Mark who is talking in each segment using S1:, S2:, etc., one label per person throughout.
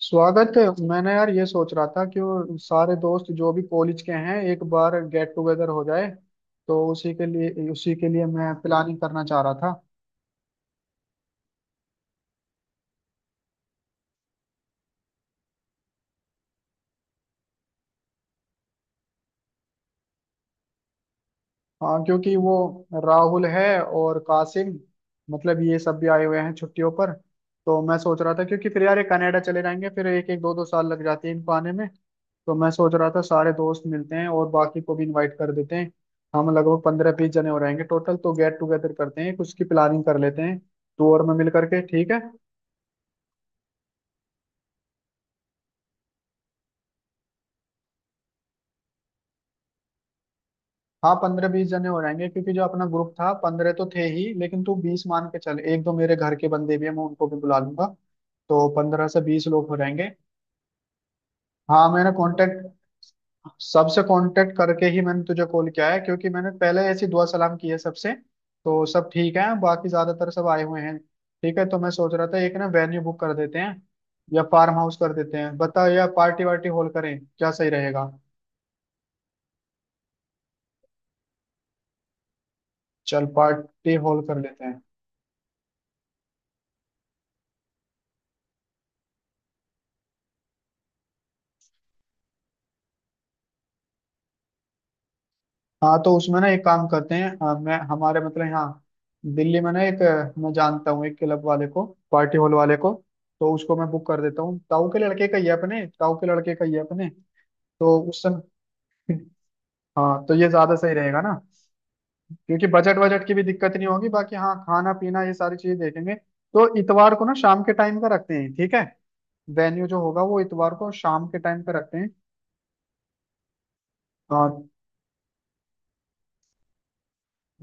S1: स्वागत है। मैंने यार ये सोच रहा था कि वो सारे दोस्त जो भी कॉलेज के हैं एक बार गेट टुगेदर हो जाए। तो उसी के लिए मैं प्लानिंग करना चाह रहा था। हाँ, क्योंकि वो राहुल है और कासिम, मतलब ये सब भी आए हुए हैं छुट्टियों पर। तो मैं सोच रहा था क्योंकि फिर यार ये कनाडा चले जाएंगे, फिर एक एक दो दो साल लग जाते हैं इनको आने में। तो मैं सोच रहा था सारे दोस्त मिलते हैं और बाकी को भी इनवाइट कर देते हैं। हम लगभग 15-20 जने हो रहेंगे टोटल, तो गेट टुगेदर करते हैं, कुछ की प्लानिंग कर लेते हैं। टूर में मिल करके, ठीक है। हाँ, 15-20 जने हो रहेंगे क्योंकि जो अपना ग्रुप था 15 तो थे ही, लेकिन तू 20 मान के चल। एक दो मेरे घर के बंदे भी हैं, मैं उनको भी बुला लूंगा। तो 15 से 20 लोग हो जाएंगे। हाँ, मैंने कांटेक्ट, सबसे कांटेक्ट करके ही मैंने तुझे कॉल किया है क्योंकि मैंने पहले ऐसी दुआ सलाम की है सबसे। तो सब ठीक है, बाकी ज्यादातर सब आए हुए हैं, ठीक है। तो मैं सोच रहा था एक ना वेन्यू बुक कर देते हैं, या फार्म हाउस कर देते हैं बता, या पार्टी वार्टी हॉल करें, क्या सही रहेगा। चल, पार्टी हॉल कर लेते हैं। हाँ, तो उसमें ना एक काम करते हैं, मैं हमारे मतलब यहाँ दिल्ली में ना एक, मैं जानता हूँ एक क्लब वाले को, पार्टी हॉल वाले को। तो उसको मैं बुक कर देता हूँ। ताऊ के लड़के का ये अपने ताऊ के लड़के का ये अपने तो उस समय हाँ, तो ये ज्यादा सही रहेगा ना, क्योंकि बजट वजट की भी दिक्कत नहीं होगी। बाकी हाँ, खाना पीना ये सारी चीजें देखेंगे। तो इतवार को ना शाम के टाइम का रखते हैं, ठीक है। वेन्यू जो होगा वो इतवार को शाम के टाइम का रखते हैं।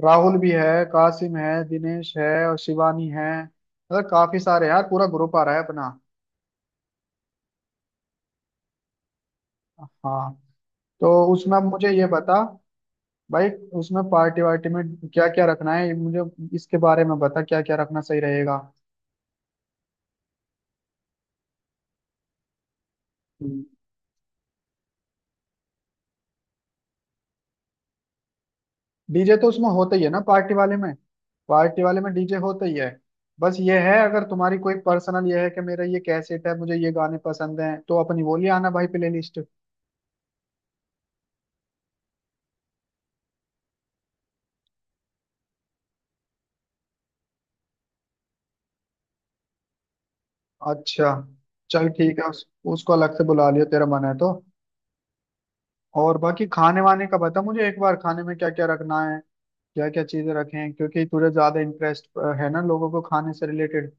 S1: राहुल भी है, कासिम है, दिनेश है और शिवानी है, मतलब काफी सारे यार, पूरा ग्रुप आ रहा है अपना। हाँ, तो उसमें अब मुझे ये बता भाई, उसमें पार्टी वार्टी में क्या क्या रखना है, ये मुझे इसके बारे में बता क्या क्या रखना सही रहेगा। डीजे तो उसमें होता ही है ना पार्टी वाले में, पार्टी वाले में डीजे होता ही है। बस ये है, अगर तुम्हारी कोई पर्सनल ये है कि मेरा ये कैसेट है, मुझे ये गाने पसंद हैं, तो अपनी वो ले आना भाई, प्लेलिस्ट। अच्छा, चल ठीक है, उसको अलग से बुला लियो, तेरा मन है तो। और बाकी खाने वाने का बता मुझे एक बार, खाने में क्या क्या रखना है, क्या क्या चीजें रखें, क्योंकि तुझे ज्यादा इंटरेस्ट है ना लोगों को खाने से रिलेटेड।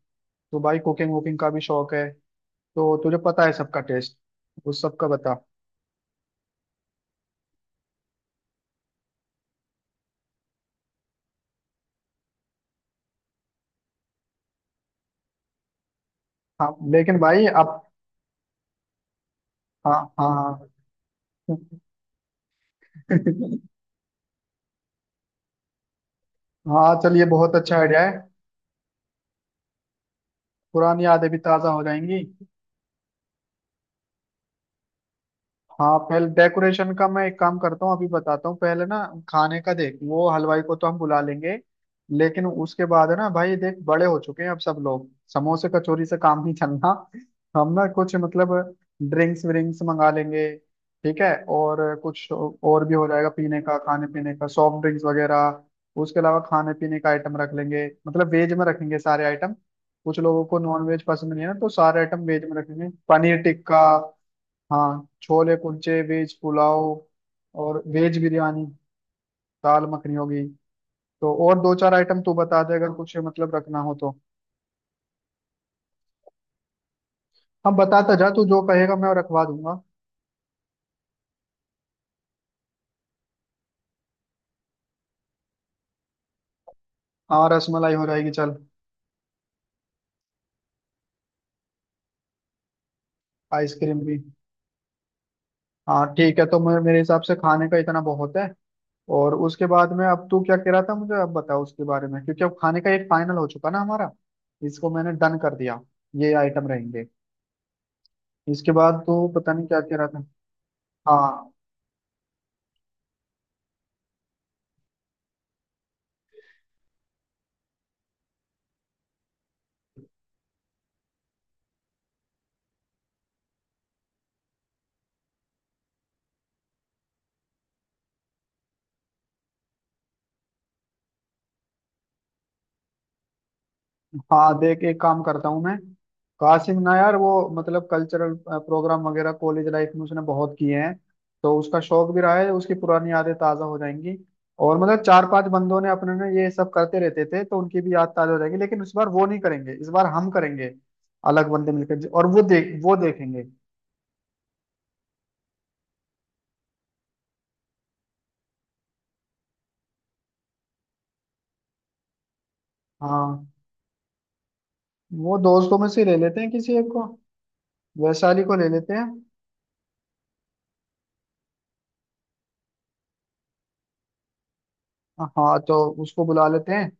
S1: तो भाई कुकिंग वुकिंग का भी शौक है, तो तुझे पता है सबका टेस्ट, उस सबका बता। हाँ लेकिन भाई अब, हाँ हाँ हाँ। हाँ चल, ये बहुत अच्छा आइडिया है, पुरानी यादें भी ताजा हो जाएंगी। हाँ, पहले डेकोरेशन का मैं एक काम करता हूँ, अभी बताता हूँ पहले ना। खाने का देख, वो हलवाई को तो हम बुला लेंगे, लेकिन उसके बाद है ना भाई, देख बड़े हो चुके हैं अब सब लोग, समोसे कचौरी से काम नहीं चलना। हम ना कुछ मतलब ड्रिंक्स विंक्स मंगा लेंगे, ठीक है, और कुछ और भी हो जाएगा पीने का, खाने पीने का सॉफ्ट ड्रिंक्स वगैरह। उसके अलावा खाने पीने का आइटम रख लेंगे, मतलब वेज में रखेंगे सारे आइटम। कुछ लोगों को नॉन वेज पसंद नहीं है ना, तो सारे आइटम वेज में रखेंगे, पनीर टिक्का, हाँ छोले कुलचे, वेज पुलाव और वेज बिरयानी, दाल मखनी होगी। तो और दो चार आइटम तू बता दे अगर कुछ मतलब रखना हो तो। हाँ बताता जा, तू जो कहेगा मैं रखवा दूंगा। हाँ रसमलाई हो जाएगी, चल। आइसक्रीम भी, हाँ ठीक है। तो मैं मेरे हिसाब से खाने का इतना बहुत है। और उसके बाद में अब तू क्या कह रहा था, मुझे अब बताओ उसके बारे में, क्योंकि अब खाने का एक फाइनल हो चुका ना हमारा, इसको मैंने डन कर दिया, ये आइटम रहेंगे। इसके बाद तो पता नहीं क्या कह रहा था। हाँ हाँ, देख एक काम करता हूँ मैं। कासिम ना यार, वो मतलब कल्चरल प्रोग्राम वगैरह कॉलेज लाइफ में उसने बहुत किए हैं, तो उसका शौक भी रहा है, उसकी पुरानी यादें ताज़ा हो जाएंगी। और मतलब चार पांच बंदों ने अपने ना ये सब करते रहते थे, तो उनकी भी याद ताज़ा हो जाएगी। लेकिन इस बार वो नहीं करेंगे, इस बार हम करेंगे, अलग बंदे मिलकर, और वो देख वो देखेंगे। हाँ, वो दोस्तों में से ले लेते हैं किसी एक को। वैशाली को ले लेते हैं। हाँ तो उसको बुला लेते हैं।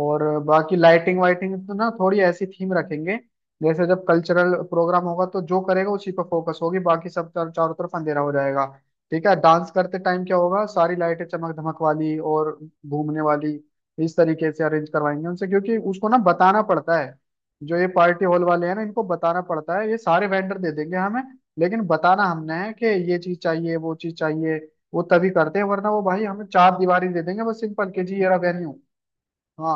S1: और बाकी लाइटिंग वाइटिंग तो ना थोड़ी ऐसी थीम रखेंगे, जैसे जब कल्चरल प्रोग्राम होगा तो जो करेगा उसी पर फोकस होगी, बाकी सब चारों तरफ अंधेरा हो जाएगा, ठीक है। डांस करते टाइम क्या होगा, सारी लाइटें चमक धमक वाली और घूमने वाली, इस तरीके से अरेंज करवाएंगे उनसे, क्योंकि उसको ना बताना पड़ता है। जो ये पार्टी हॉल वाले हैं ना, इनको बताना पड़ता है, ये सारे वेंडर दे देंगे हमें, लेकिन बताना हमने है कि ये चीज चाहिए वो चीज चाहिए। वो तभी करते हैं, वरना वो भाई हमें चार दीवारी दे देंगे, बस सिंपल के जी ये रहा वेन्यू। हाँ,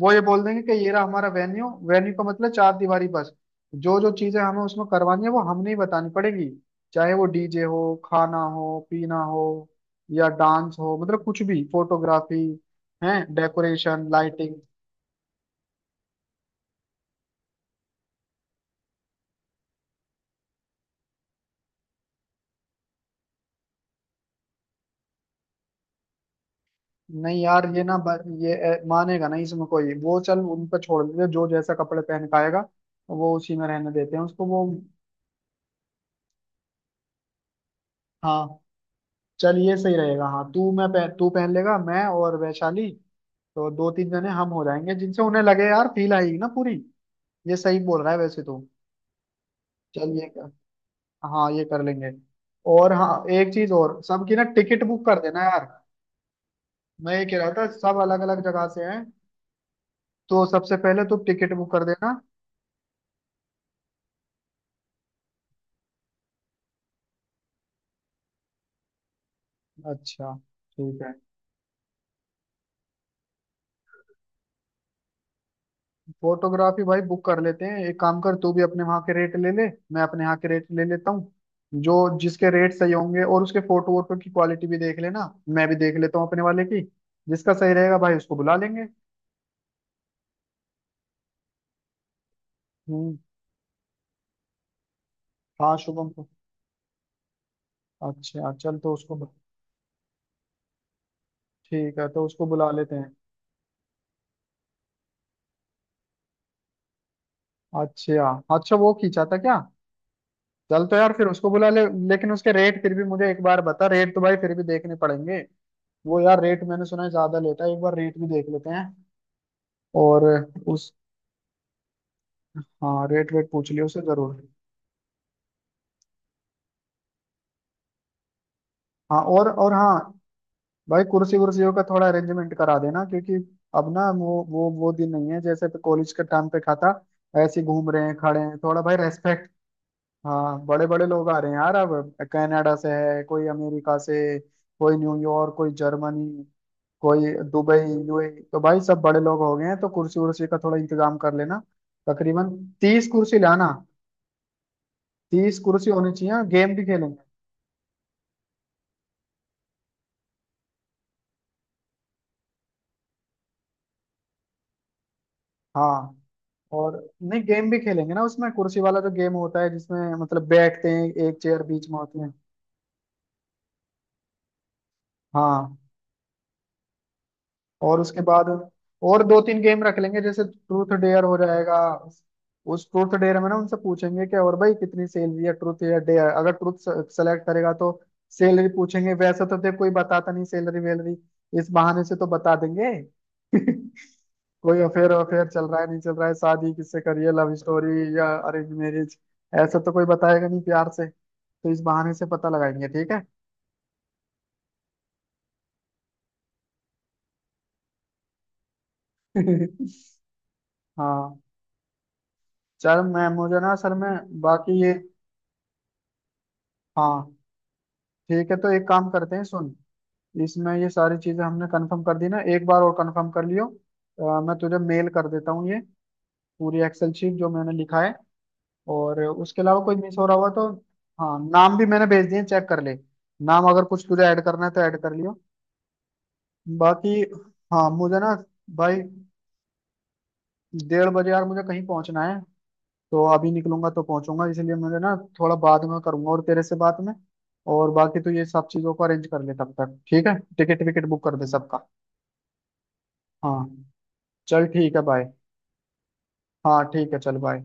S1: वो ये बोल देंगे कि ये रहा हमारा वेन्यू, वेन्यू का मतलब चार दीवारी बस। जो जो चीजें हमें उसमें करवानी है वो हमने ही बतानी पड़ेगी, चाहे वो डीजे हो, खाना हो, पीना हो, या डांस हो, मतलब कुछ भी, फोटोग्राफी है, डेकोरेशन, लाइटिंग। नहीं यार ये ना ये मानेगा नहीं इसमें कोई वो, चल उन पर छोड़ देते हैं, जो जैसा कपड़े पहन के आएगा वो उसी में रहने देते हैं, उसको वो। हाँ चल, ये सही रहेगा। हाँ, तू, तू पहन लेगा, मैं और वैशाली, तो दो तीन जने हम हो जाएंगे जिनसे उन्हें लगे यार फील आएगी ना पूरी। ये सही बोल रहा है वैसे तो। चल ये कर, हाँ ये कर लेंगे। और हाँ एक चीज और, सबकी ना टिकट बुक कर देना यार। मैं ये कह रहा था सब अलग अलग जगह से हैं, तो सबसे पहले तुम टिकट बुक कर देना। अच्छा, ठीक है। फोटोग्राफी भाई बुक कर लेते हैं। एक काम कर, तू भी अपने वहाँ के रेट ले ले, मैं अपने यहाँ के रेट ले लेता हूँ। जो जिसके रेट सही होंगे, और उसके फोटो वोटो की क्वालिटी भी देख लेना, मैं भी देख लेता हूँ अपने वाले की। जिसका सही रहेगा भाई उसको बुला लेंगे। हम्म, हाँ शुभम को। अच्छा चल तो ठीक है, तो उसको बुला लेते हैं। अच्छा, अच्छा वो खींचा था क्या। चल तो यार फिर उसको बुला ले। लेकिन उसके रेट फिर भी मुझे एक बार बता, रेट तो भाई फिर भी देखने पड़ेंगे। वो यार रेट मैंने सुना है ज्यादा लेता है, एक बार रेट भी देख लेते हैं। और उस, हाँ रेट वेट पूछ लियो उससे जरूर। हाँ, और हाँ भाई कुर्सी वुर्सियों का थोड़ा अरेंजमेंट करा देना, क्योंकि अब ना वो दिन नहीं है जैसे कॉलेज के टाइम पे, खाता ऐसे ही घूम रहे हैं खड़े हैं, थोड़ा भाई रेस्पेक्ट। हाँ बड़े बड़े लोग आ रहे हैं यार अब, कनाडा से है कोई, अमेरिका से कोई, न्यूयॉर्क, कोई जर्मनी, कोई दुबई, यूएई। तो भाई सब बड़े लोग हो गए हैं, तो कुर्सी उर्सी का थोड़ा इंतजाम कर लेना। तकरीबन 30 कुर्सी लाना, 30 कुर्सी होनी चाहिए, गेम भी खेलेंगे। हाँ और नहीं गेम भी खेलेंगे ना, उसमें कुर्सी वाला जो गेम होता है, जिसमें मतलब बैठते हैं, एक चेयर बीच में होती है। हाँ, और उसके बाद और दो तीन गेम रख लेंगे, जैसे ट्रूथ डेयर हो जाएगा। उस ट्रूथ डेयर में ना उनसे पूछेंगे कि और भाई कितनी सैलरी है, ट्रूथ या डेयर, अगर ट्रूथ सेलेक्ट करेगा तो सैलरी पूछेंगे। वैसे तो देख कोई बताता नहीं सैलरी वैलरी, इस बहाने से तो बता देंगे। कोई अफेयर अफेयर चल रहा है नहीं चल रहा है, शादी किससे करी है, लव स्टोरी या अरेंज मैरिज, ऐसा तो कोई बताएगा नहीं प्यार से, तो इस बहाने से पता लगाएंगे, ठीक है। हाँ, चल मैं मुझे ना असल में बाकी ये, हाँ ठीक है तो एक काम करते हैं सुन, इसमें ये सारी चीजें हमने कंफर्म कर दी ना, एक बार और कंफर्म कर लियो। मैं तुझे मेल कर देता हूँ ये पूरी एक्सेल शीट जो मैंने लिखा है, और उसके अलावा कोई मिस हो रहा हुआ तो। हाँ, नाम भी मैंने भेज दिए, चेक कर ले, नाम अगर कुछ तुझे ऐड करना है तो ऐड कर लियो, बाकी हाँ, मुझे ना भाई 1:30 बजे यार मुझे कहीं पहुंचना है, तो अभी निकलूंगा तो पहुंचूंगा, इसलिए मुझे ना थोड़ा बाद में करूंगा और तेरे से बात में। और बाकी तो ये सब चीजों को अरेंज कर ले तब तक, ठीक है, टिकट विकेट बुक कर दे सबका। हाँ, चल ठीक है भाई। हाँ ठीक है, चल बाय।